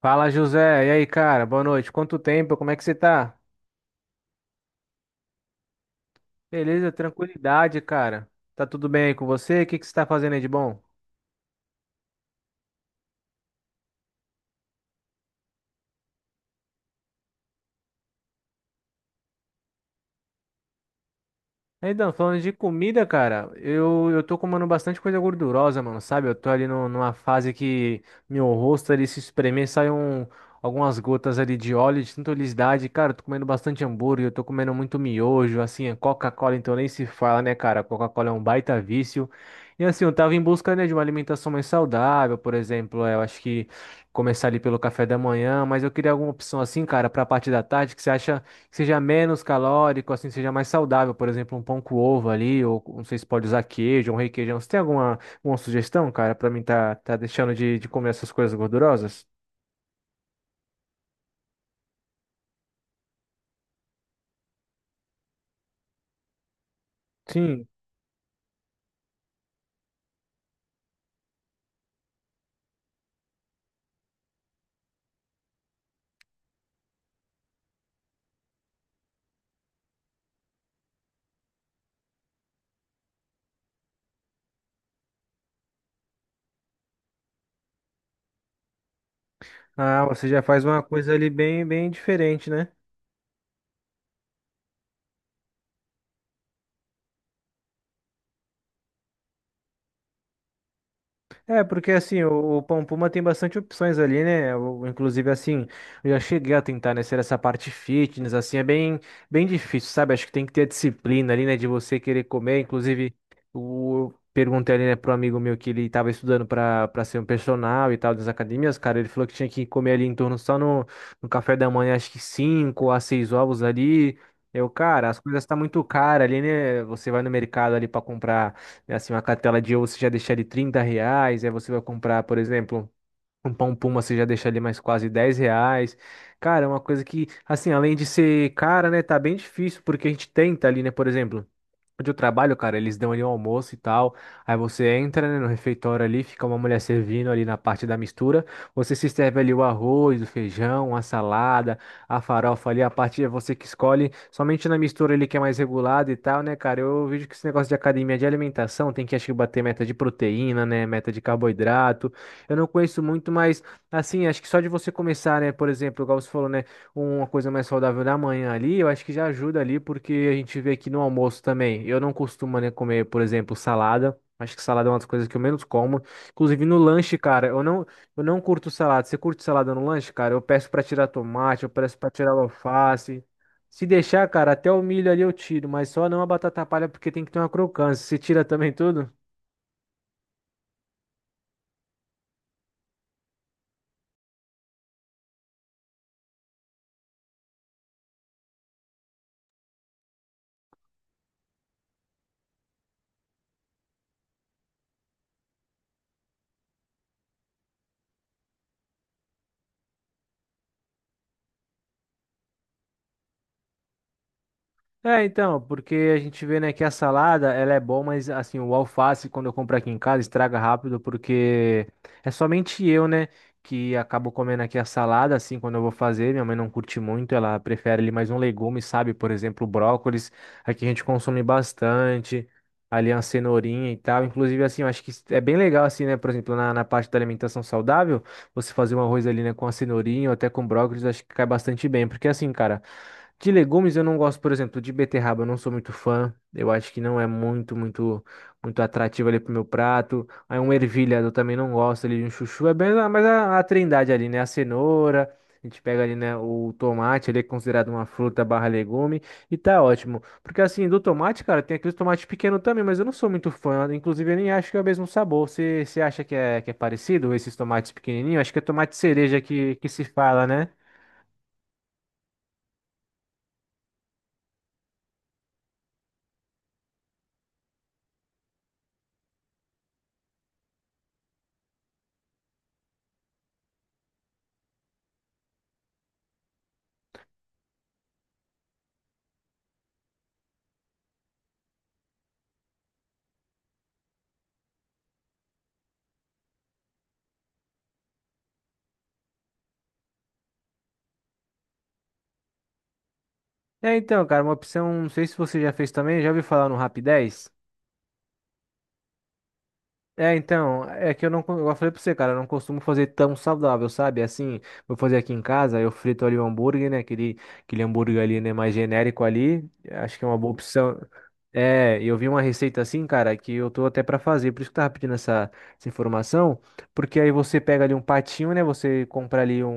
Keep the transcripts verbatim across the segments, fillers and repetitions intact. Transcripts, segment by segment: Fala, José. E aí, cara? Boa noite. Quanto tempo? Como é que você tá? Beleza, tranquilidade, cara. Tá tudo bem aí com você? O que que você tá fazendo aí de bom? Então, falando de comida, cara, eu, eu tô comendo bastante coisa gordurosa, mano, sabe? Eu tô ali no- numa fase que meu rosto ali se espremer, sai um, algumas gotas ali de óleo, de tanta oleosidade. Cara, eu tô comendo bastante hambúrguer, eu tô comendo muito miojo, assim, é Coca-Cola, então nem se fala, né, cara? Coca-Cola é um baita vício. E assim, eu tava em busca, né, de uma alimentação mais saudável, por exemplo, é, eu acho que começar ali pelo café da manhã, mas eu queria alguma opção assim, cara, pra parte da tarde, que você acha que seja menos calórico, assim, seja mais saudável, por exemplo, um pão com ovo ali, ou não sei se pode usar queijo, um requeijão. Você tem alguma, alguma sugestão, cara, pra mim tá, tá deixando de, de comer essas coisas gordurosas? Sim. Ah, você já faz uma coisa ali bem, bem diferente, né? É, porque assim, o, o Pão Puma tem bastante opções ali, né? O- inclusive, assim, eu já cheguei a tentar, né, ser essa parte fitness, assim, é bem, bem difícil, sabe? Acho que tem que ter a disciplina ali, né, de você querer comer. Inclusive, o, eu perguntei ali, né, pro amigo meu que ele tava estudando pra, pra ser um personal e tal das academias, cara, ele falou que tinha que comer ali em torno só no, no café da manhã, acho que cinco a seis ovos ali. Eu, cara, as coisas tá muito cara ali, né? Você vai no mercado ali pra comprar. É assim, uma cartela de ovo você já deixa ali trinta reais, aí você vai comprar, por exemplo, um pão puma, você já deixa ali mais quase dez reais. Cara, é uma coisa que, assim, além de ser cara, né, tá bem difícil, porque a gente tenta ali, né, por exemplo. Onde eu trabalho, cara, eles dão ali um almoço e tal. Aí você entra, né, no refeitório ali, fica uma mulher servindo ali na parte da mistura. Você se serve ali o arroz, o feijão, a salada, a farofa ali, a parte é você que escolhe. Somente na mistura ali que é mais regulada e tal, né, cara? Eu vejo que esse negócio de academia de alimentação tem que, acho que, bater meta de proteína, né, meta de carboidrato. Eu não conheço muito, mas, assim, acho que só de você começar, né, por exemplo, igual você falou, né? Uma coisa mais saudável da manhã ali, eu acho que já ajuda ali, porque a gente vê aqui no almoço também. Eu não costumo, né, comer, por exemplo, salada. Acho que salada é uma das coisas que eu menos como. Inclusive no lanche, cara, eu não, eu não curto salada. Você curte salada no lanche, cara? Eu peço pra tirar tomate, eu peço pra tirar alface. Se deixar, cara, até o milho ali eu tiro, mas só não a batata palha porque tem que ter uma crocância. Você tira também tudo? É, então, porque a gente vê, né, que a salada, ela é boa, mas, assim, o alface, quando eu compro aqui em casa, estraga rápido, porque é somente eu, né, que acabo comendo aqui a salada, assim, quando eu vou fazer. Minha mãe não curte muito, ela prefere ali mais um legume, sabe? Por exemplo, brócolis, aqui a gente consome bastante, ali uma cenourinha e tal. Inclusive, assim, eu acho que é bem legal, assim, né, por exemplo, na, na parte da alimentação saudável, você fazer um arroz ali, né, com a cenourinha ou até com brócolis, eu acho que cai bastante bem, porque, assim, cara. De legumes eu não gosto, por exemplo, de beterraba, eu não sou muito fã. Eu acho que não é muito, muito, muito atrativo ali pro meu prato. Aí um ervilha eu também não gosto ali um chuchu. É bem, mas a, a trindade ali, né? A cenoura, a gente pega ali, né, o tomate, ele é considerado uma fruta barra legume e tá ótimo. Porque assim, do tomate, cara, tem aqueles tomates pequenos também, mas eu não sou muito fã. Inclusive, eu nem acho que é o mesmo sabor. Você, você acha que é, que é parecido esses tomates pequenininhos? Acho que é tomate cereja que, que se fala, né? É, então, cara, uma opção, não sei se você já fez também, já ouviu falar no Rap dez? É, então, é que eu não, co- eu falei pra você, cara, eu não costumo fazer tão saudável, sabe? Assim, vou fazer aqui em casa, eu frito ali o hambúrguer, né? Aquele, aquele hambúrguer ali, né, mais genérico ali, acho que é uma boa opção. É, eu vi uma receita assim, cara, que eu tô até pra fazer, por isso que eu tava pedindo essa, essa informação, porque aí você pega ali um patinho, né? Você compra ali um,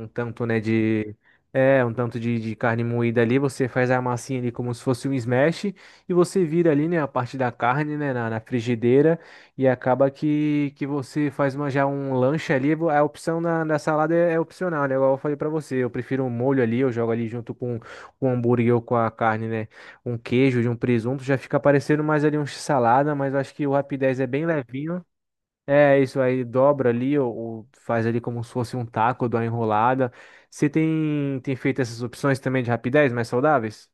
um um tanto, né, de... É, um tanto de, de carne moída ali, você faz a massinha ali como se fosse um smash, e você vira ali, né, a parte da carne, né, na na frigideira, e acaba que, que você faz uma, já um lanche ali, vo- a opção na, da salada é, é opcional, né? Igual eu falei pra você, eu prefiro um molho ali, eu jogo ali junto com, com o hambúrguer ou com a carne, né? Um queijo de um presunto, já fica parecendo mais ali um salada, mas eu acho que o Rapidez é bem levinho. É isso aí, dobra ali ou, ou faz ali como se fosse um taco, dá uma enrolada. Você tem, tem feito essas opções também de Rapidez mais saudáveis?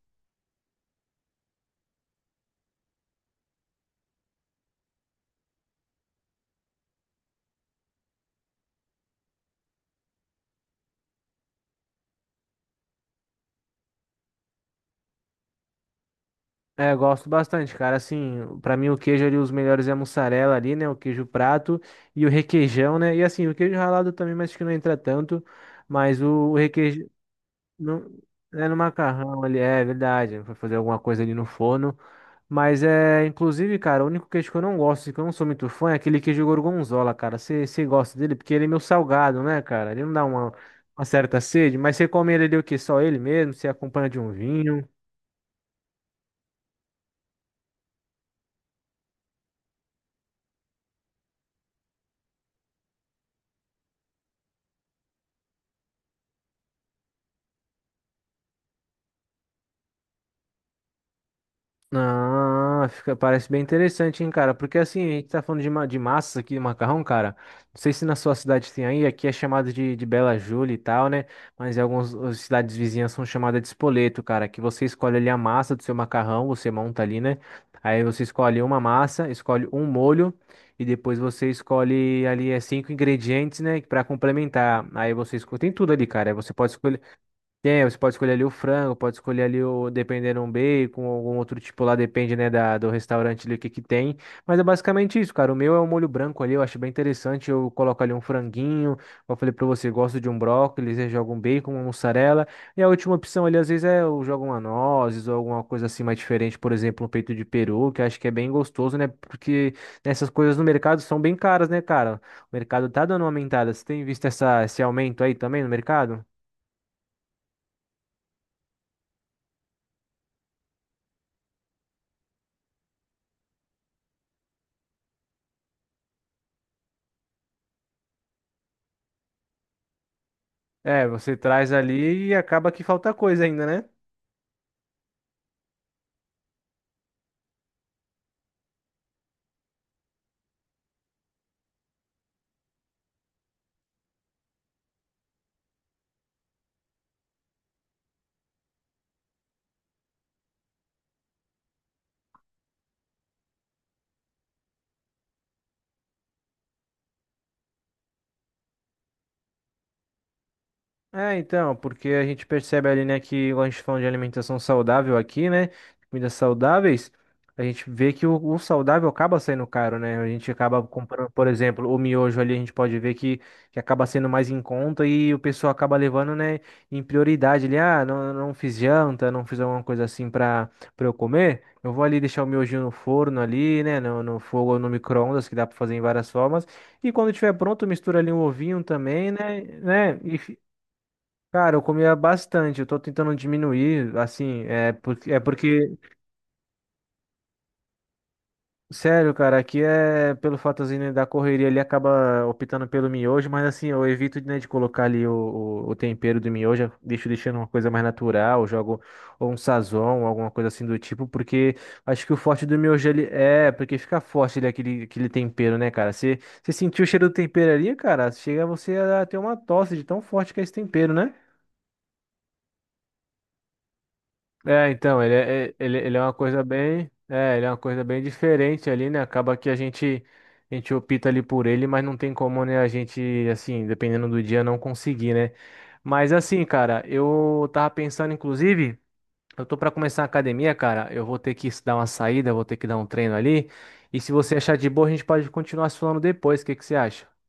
É, eu gosto bastante, cara. Assim, pra mim o queijo ali, os melhores é a mussarela ali, né? O queijo prato e o requeijão, né? E assim, o queijo ralado também, mas acho que não entra tanto. Mas o, o requeijão. Não. É no macarrão ali, é verdade. Vai fazer alguma coisa ali no forno. Mas é, inclusive, cara, o único queijo que eu não gosto, e que eu não sou muito fã, é aquele queijo gorgonzola, cara. Você gosta dele? Porque ele é meio salgado, né, cara? Ele não dá uma, uma certa sede, mas você come ele ali o quê? Só ele mesmo? Você acompanha de um vinho? Ah, fica, parece bem interessante, hein, cara? Porque assim, a gente tá falando de, ma de massas aqui, de macarrão, cara. Não sei se na sua cidade tem aí, aqui é chamado de, de Bela Júlia e tal, né? Mas em algumas as cidades vizinhas são chamadas de espoleto, cara. Que você escolhe ali a massa do seu macarrão, você monta ali, né? Aí você escolhe uma massa, escolhe um molho e depois você escolhe ali é, cinco ingredientes, né? Pra complementar. Aí você escolhe, tem tudo ali, cara. Aí você pode escolher. Tem, você pode escolher ali o frango, pode escolher ali o, dependendo, um bacon, algum outro tipo lá, depende, né, da, do restaurante ali o que que tem. Mas é basicamente isso, cara. O meu é um molho branco ali, eu acho bem interessante. Eu coloco ali um franguinho, como eu falei pra você, gosto de um brócolis, eu jogo um bacon, uma mussarela. E a última opção ali, às vezes, é eu jogo uma nozes ou alguma coisa assim mais diferente, por exemplo, um peito de peru, que eu acho que é bem gostoso, né? Porque essas coisas no mercado são bem caras, né, cara? O mercado tá dando uma aumentada. Você tem visto essa, esse aumento aí também no mercado? É, você traz ali e acaba que falta coisa ainda, né? É, então, porque a gente percebe ali, né, que quando a gente fala de alimentação saudável aqui, né, comidas saudáveis, a gente vê que o, o saudável acaba saindo caro, né? A gente acaba comprando, por exemplo, o miojo ali, a gente pode ver que, que acaba sendo mais em conta e o pessoal acaba levando, né, em prioridade ali, ah, não, não fiz janta, não fiz alguma coisa assim pra, pra eu comer, eu vou ali deixar o miojinho no forno ali, né, no, no fogo ou no micro-ondas, que dá pra fazer em várias formas, e quando tiver pronto, mistura ali um ovinho também, né, né, e, cara, eu comia bastante, eu tô tentando diminuir, assim, é porque, é porque, sério, cara, aqui é pelo fatozinho né, da correria, ele acaba optando pelo miojo, mas assim, eu evito, né, de colocar ali o, o, o tempero do miojo, eu deixo deixando uma coisa mais natural, jogo ou um sazon, alguma coisa assim do tipo, porque acho que o forte do miojo, ele é, porque fica forte ele, aquele, aquele tempero, né, cara, você, você sentiu o cheiro do tempero ali, cara, chega você a ter uma tosse de tão forte que é esse tempero, né? É, então, ele é, é- ele, ele é uma coisa bem, é, ele é uma coisa bem diferente ali, né? Acaba que a gente, a gente opta ali por ele, mas não tem como, né, a gente, assim, dependendo do dia, não conseguir, né? Mas assim, cara, eu tava pensando, inclusive, eu tô pra começar a academia, cara, eu vou ter que dar uma saída, eu vou ter que dar um treino ali, e se você achar de boa, a gente pode continuar se falando depois, o que que você acha?